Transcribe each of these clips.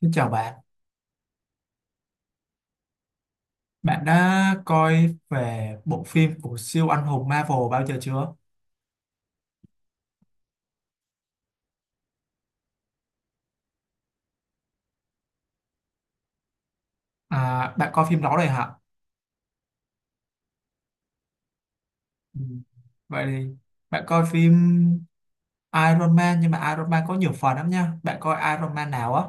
Xin chào bạn, bạn đã coi về bộ phim của siêu anh hùng Marvel bao giờ chưa? À, bạn coi phim đó rồi hả? Ừ. Vậy thì bạn coi phim Iron Man, nhưng mà Iron Man có nhiều phần lắm nha. Bạn coi Iron Man nào á?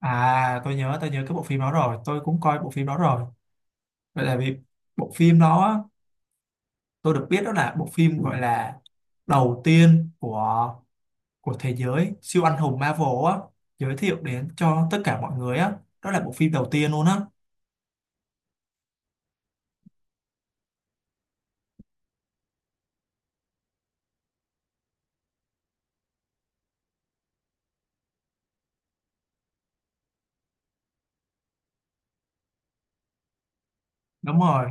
À, tôi nhớ cái bộ phim đó rồi. Tôi cũng coi bộ phim đó rồi. Vậy là vì bộ phim đó á, tôi được biết đó là bộ phim gọi là đầu tiên của thế giới siêu anh hùng Marvel á, giới thiệu đến cho tất cả mọi người á. Đó là bộ phim đầu tiên luôn á. Đúng rồi.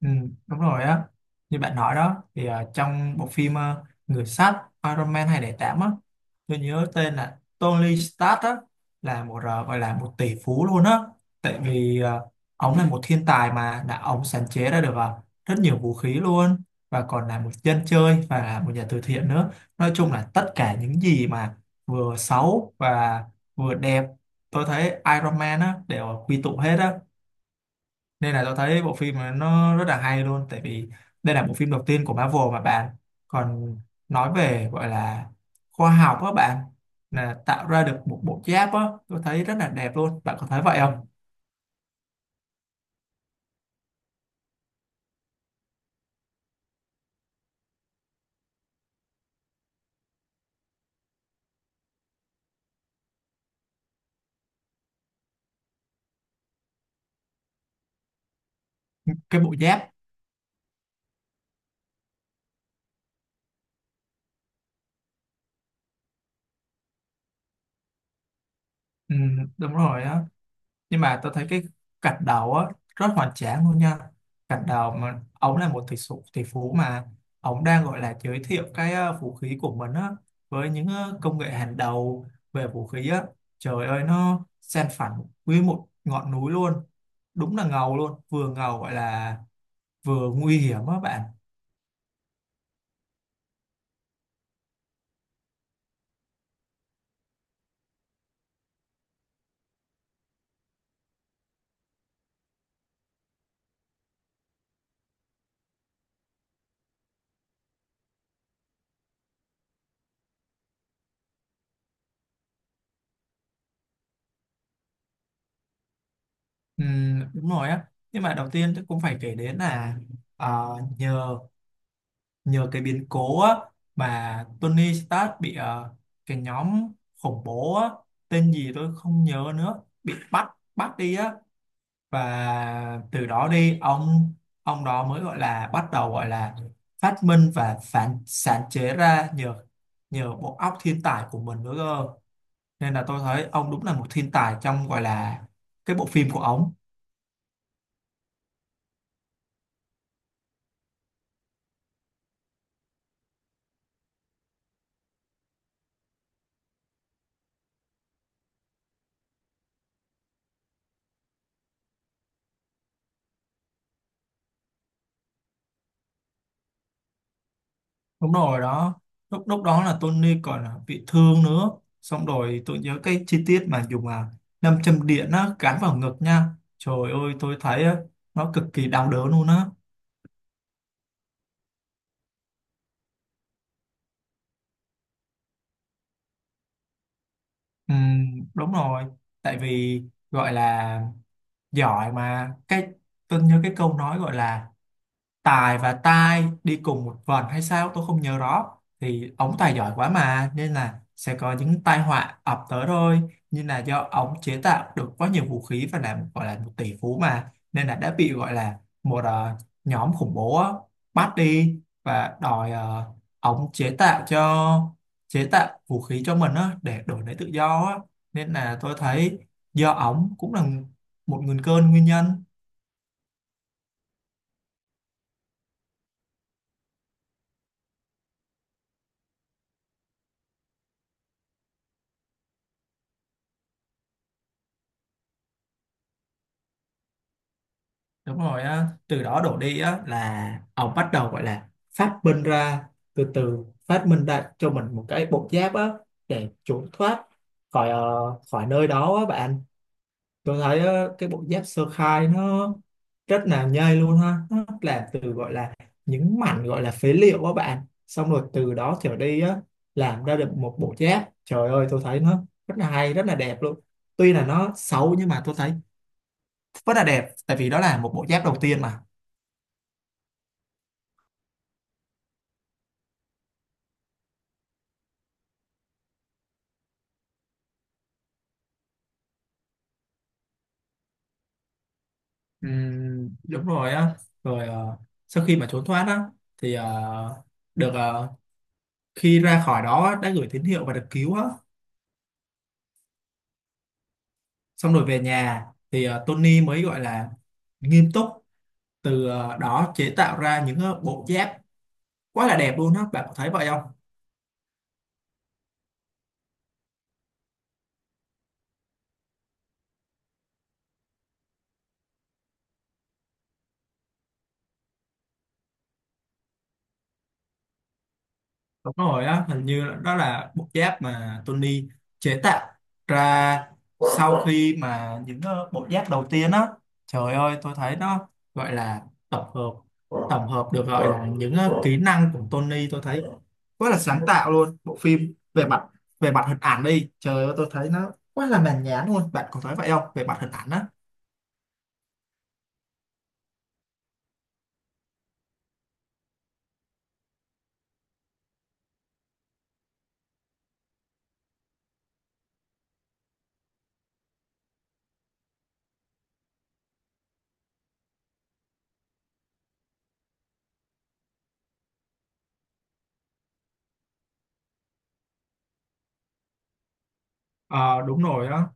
Ừ, đúng rồi á, như bạn nói đó thì trong bộ phim Người sắt Iron Man 208 á, tôi nhớ tên là Tony Stark á, là một gọi là một tỷ phú luôn á, tại vì ông là một thiên tài mà đã ông sáng chế ra được rất nhiều vũ khí luôn, và còn là một dân chơi và là một nhà từ thiện nữa. Nói chung là tất cả những gì mà vừa xấu và vừa đẹp, tôi thấy Iron Man á đều quy tụ hết á, nên là tôi thấy bộ phim này nó rất là hay luôn, tại vì đây là bộ phim đầu tiên của Marvel mà bạn, còn nói về gọi là khoa học á bạn, là tạo ra được một bộ giáp á, tôi thấy rất là đẹp luôn, bạn có thấy vậy không? Cái bộ giáp. Ừ, đúng rồi á, nhưng mà tôi thấy cái cạch đầu á rất hoành tráng luôn nha. Cạch đầu mà ông là một tỷ phú, tỷ phú mà ông đang gọi là giới thiệu cái vũ khí của mình á, với những công nghệ hàng đầu về vũ khí á, trời ơi nó san phẳng nguyên một ngọn núi luôn. Đúng là ngầu luôn, vừa ngầu gọi là vừa nguy hiểm á bạn. Đúng rồi á, nhưng mà đầu tiên tôi cũng phải kể đến là ờ, nhờ nhờ cái biến cố á, mà Tony Stark bị cái nhóm khủng bố á, tên gì tôi không nhớ nữa, bị bắt, bắt đi á. Và từ đó đi ông đó mới gọi là bắt đầu gọi là phát minh và phản sáng chế ra nhờ nhờ bộ óc thiên tài của mình nữa cơ, nên là tôi thấy ông đúng là một thiên tài trong gọi là cái bộ phim của ông. Đúng rồi đó, lúc lúc đó là Tony còn bị thương nữa, xong rồi tôi nhớ cái chi tiết mà dùng nam châm điện á gắn vào ngực nha, trời ơi tôi thấy á, nó cực kỳ đau đớn luôn á. Ừm, đúng rồi, tại vì gọi là giỏi mà cái tôi nhớ cái câu nói gọi là Tài và Tai đi cùng một vần hay sao tôi không nhớ rõ, thì ổng tài giỏi quá mà nên là sẽ có những tai họa ập tới thôi, nhưng là do ổng chế tạo được quá nhiều vũ khí và làm gọi là một tỷ phú mà, nên là đã bị gọi là một nhóm khủng bố á, bắt đi, và đòi ổng chế tạo cho, chế tạo vũ khí cho mình á, để đổi lấy tự do á, nên là tôi thấy do ổng cũng là một nguồn cơn nguyên nhân. Đúng rồi á, từ đó đổ đi á là ông bắt đầu gọi là phát minh ra, từ từ phát minh ra cho mình một cái bộ giáp á, để trốn thoát khỏi khỏi nơi đó á bạn. Tôi thấy cái bộ giáp sơ khai nó rất là nhây luôn ha, nó làm từ gọi là những mảnh gọi là phế liệu á bạn, xong rồi từ đó trở đi á, làm ra được một bộ giáp, trời ơi tôi thấy nó rất là hay, rất là đẹp luôn. Tuy là nó xấu nhưng mà tôi thấy rất là đẹp, tại vì đó là một bộ giáp đầu tiên mà. Ừ, đúng rồi á, rồi sau khi mà trốn thoát á thì được khi ra khỏi đó á, đã gửi tín hiệu và được cứu á, xong rồi về nhà thì Tony mới gọi là nghiêm túc, từ đó chế tạo ra những bộ giáp quá là đẹp luôn á, bạn có thấy vậy không? Đúng rồi á, hình như là- đó là bộ giáp mà Tony chế tạo ra sau khi mà những bộ giáp đầu tiên á, trời ơi tôi thấy nó gọi là tổng hợp, tổng hợp được gọi là những kỹ năng của Tony, tôi thấy quá là sáng tạo luôn. Bộ phim về mặt hình ảnh đi, trời ơi tôi thấy nó quá là mãn nhãn luôn. Bạn có thấy vậy không? Về mặt hình ảnh á. Ờ đúng rồi á.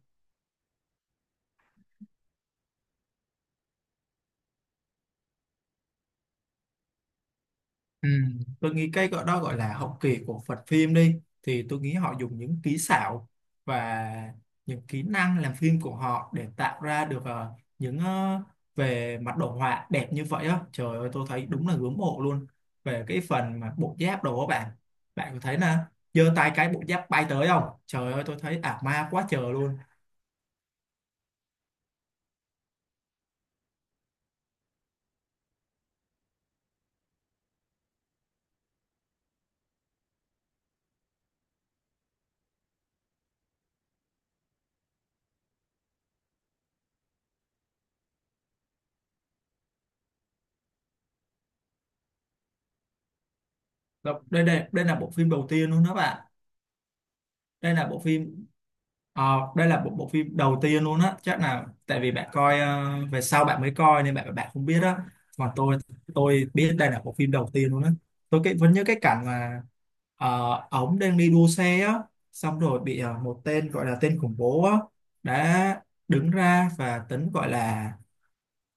Ừ, tôi nghĩ cái gọi đó gọi là hậu kỳ của Phật phim đi thì tôi nghĩ họ dùng những kỹ xảo và những kỹ năng làm phim của họ để tạo ra được những về mặt đồ họa đẹp như vậy á, trời ơi tôi thấy đúng là ngưỡng mộ luôn về cái phần mà bộ giáp đồ á bạn, bạn có thấy là giơ tay cái bộ giáp bay tới không, trời ơi tôi thấy ảo ma quá trời luôn. Đó, đây đây đây là bộ phim đầu tiên luôn đó bạn. Đây là bộ phim. Ờ, đây là bộ bộ phim đầu tiên luôn á, chắc là tại vì bạn coi về sau bạn mới coi nên bạn bạn không biết á. Còn tôi biết đây là bộ phim đầu tiên luôn á. Tôi vẫn nhớ cái cảnh mà ổng đang đi đua xe á, xong rồi bị một tên gọi là tên khủng bố á, đã đứng ra và tính gọi là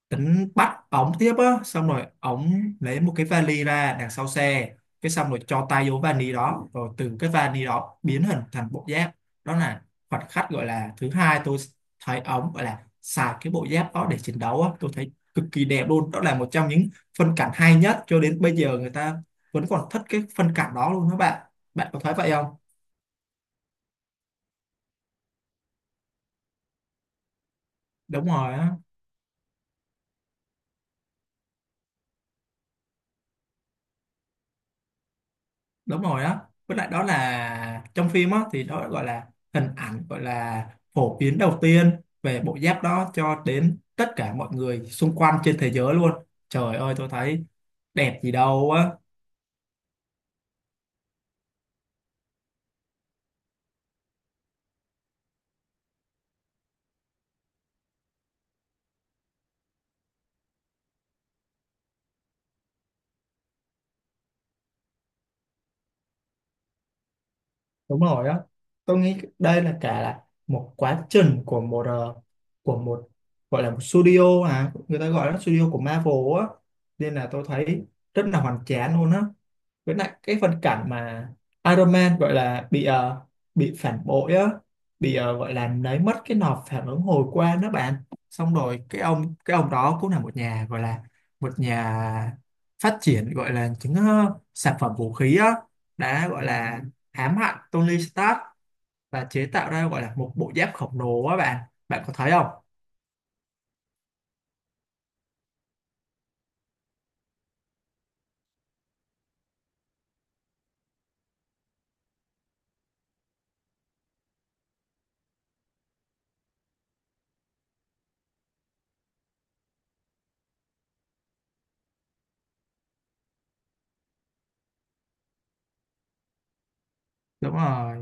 tính bắt ổng tiếp á, xong rồi ổng lấy một cái vali ra đằng sau xe, cái xong rồi cho tay vô vali đó rồi từ cái vali đó biến hình thành bộ giáp. Đó là khoảnh khắc gọi là thứ hai, tôi thấy ổng gọi là xài cái bộ giáp đó để chiến đấu á, tôi thấy cực kỳ đẹp luôn, đó là một trong những phân cảnh hay nhất cho đến bây giờ, người ta vẫn còn thích cái phân cảnh đó luôn đó bạn, bạn có thấy vậy không? Đúng rồi á. Đúng rồi á, với lại đó là trong phim á thì đó gọi là hình ảnh gọi là phổ biến đầu tiên về bộ giáp đó cho đến tất cả mọi người xung quanh trên thế giới luôn, trời ơi tôi thấy đẹp gì đâu á. Đúng rồi á, tôi nghĩ đây là cả là một quá trình của một của một gọi là một studio, à người ta gọi là studio của Marvel á, nên là tôi thấy rất là hoành tráng luôn á. Với lại cái phân cảnh mà Iron Man gọi là bị phản bội á, bị gọi là lấy mất cái nọc phản ứng hồi quang đó bạn, xong rồi cái ông đó cũng là một nhà gọi là một nhà phát triển gọi là những sản phẩm vũ khí á, đã gọi là ám hại Tony Stark và chế tạo ra gọi là một bộ giáp khổng lồ á bạn, bạn có thấy không? Đúng rồi.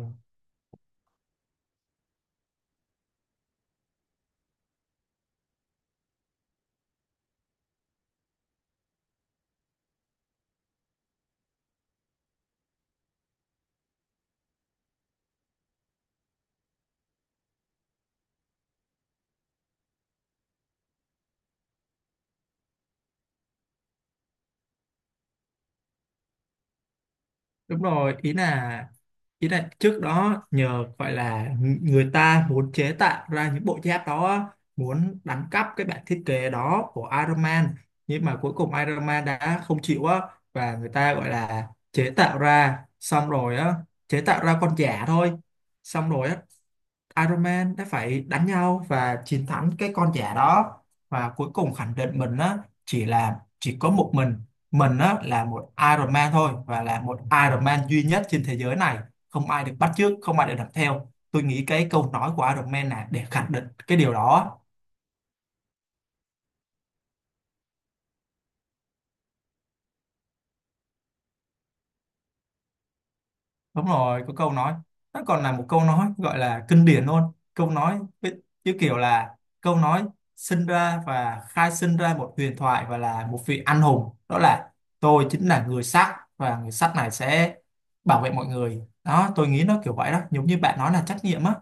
Đúng rồi, ý là trước đó nhờ gọi là người ta muốn chế tạo ra những bộ giáp đó á, muốn đánh cắp cái bản thiết kế đó của Iron Man, nhưng mà cuối cùng Iron Man đã không chịu á, và người ta gọi là chế tạo ra, xong rồi á chế tạo ra con giả thôi, xong rồi á Iron Man đã phải đánh nhau và chiến thắng cái con giả đó, và cuối cùng khẳng định mình á, chỉ là chỉ có một mình á là một Iron Man thôi, và là một Iron Man duy nhất trên thế giới này, không ai được bắt chước, không ai được làm theo. Tôi nghĩ cái câu nói của Iron Man là để khẳng định cái điều đó. Đúng rồi, có câu nói. Nó còn là một câu nói gọi là kinh điển luôn. Câu nói như kiểu là câu nói sinh ra và khai sinh ra một huyền thoại và là một vị anh hùng. Đó là tôi chính là người sắt, và người sắt này sẽ bảo vệ mọi người. Đó, tôi nghĩ nó kiểu vậy đó, giống như bạn nói là trách nhiệm á.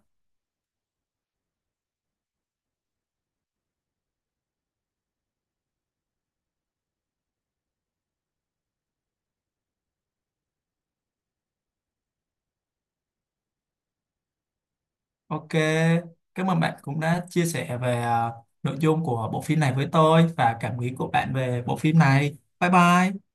Ok, cảm ơn bạn cũng đã chia sẻ về nội dung của bộ phim này với tôi và cảm nghĩ của bạn về bộ phim này. Bye bye.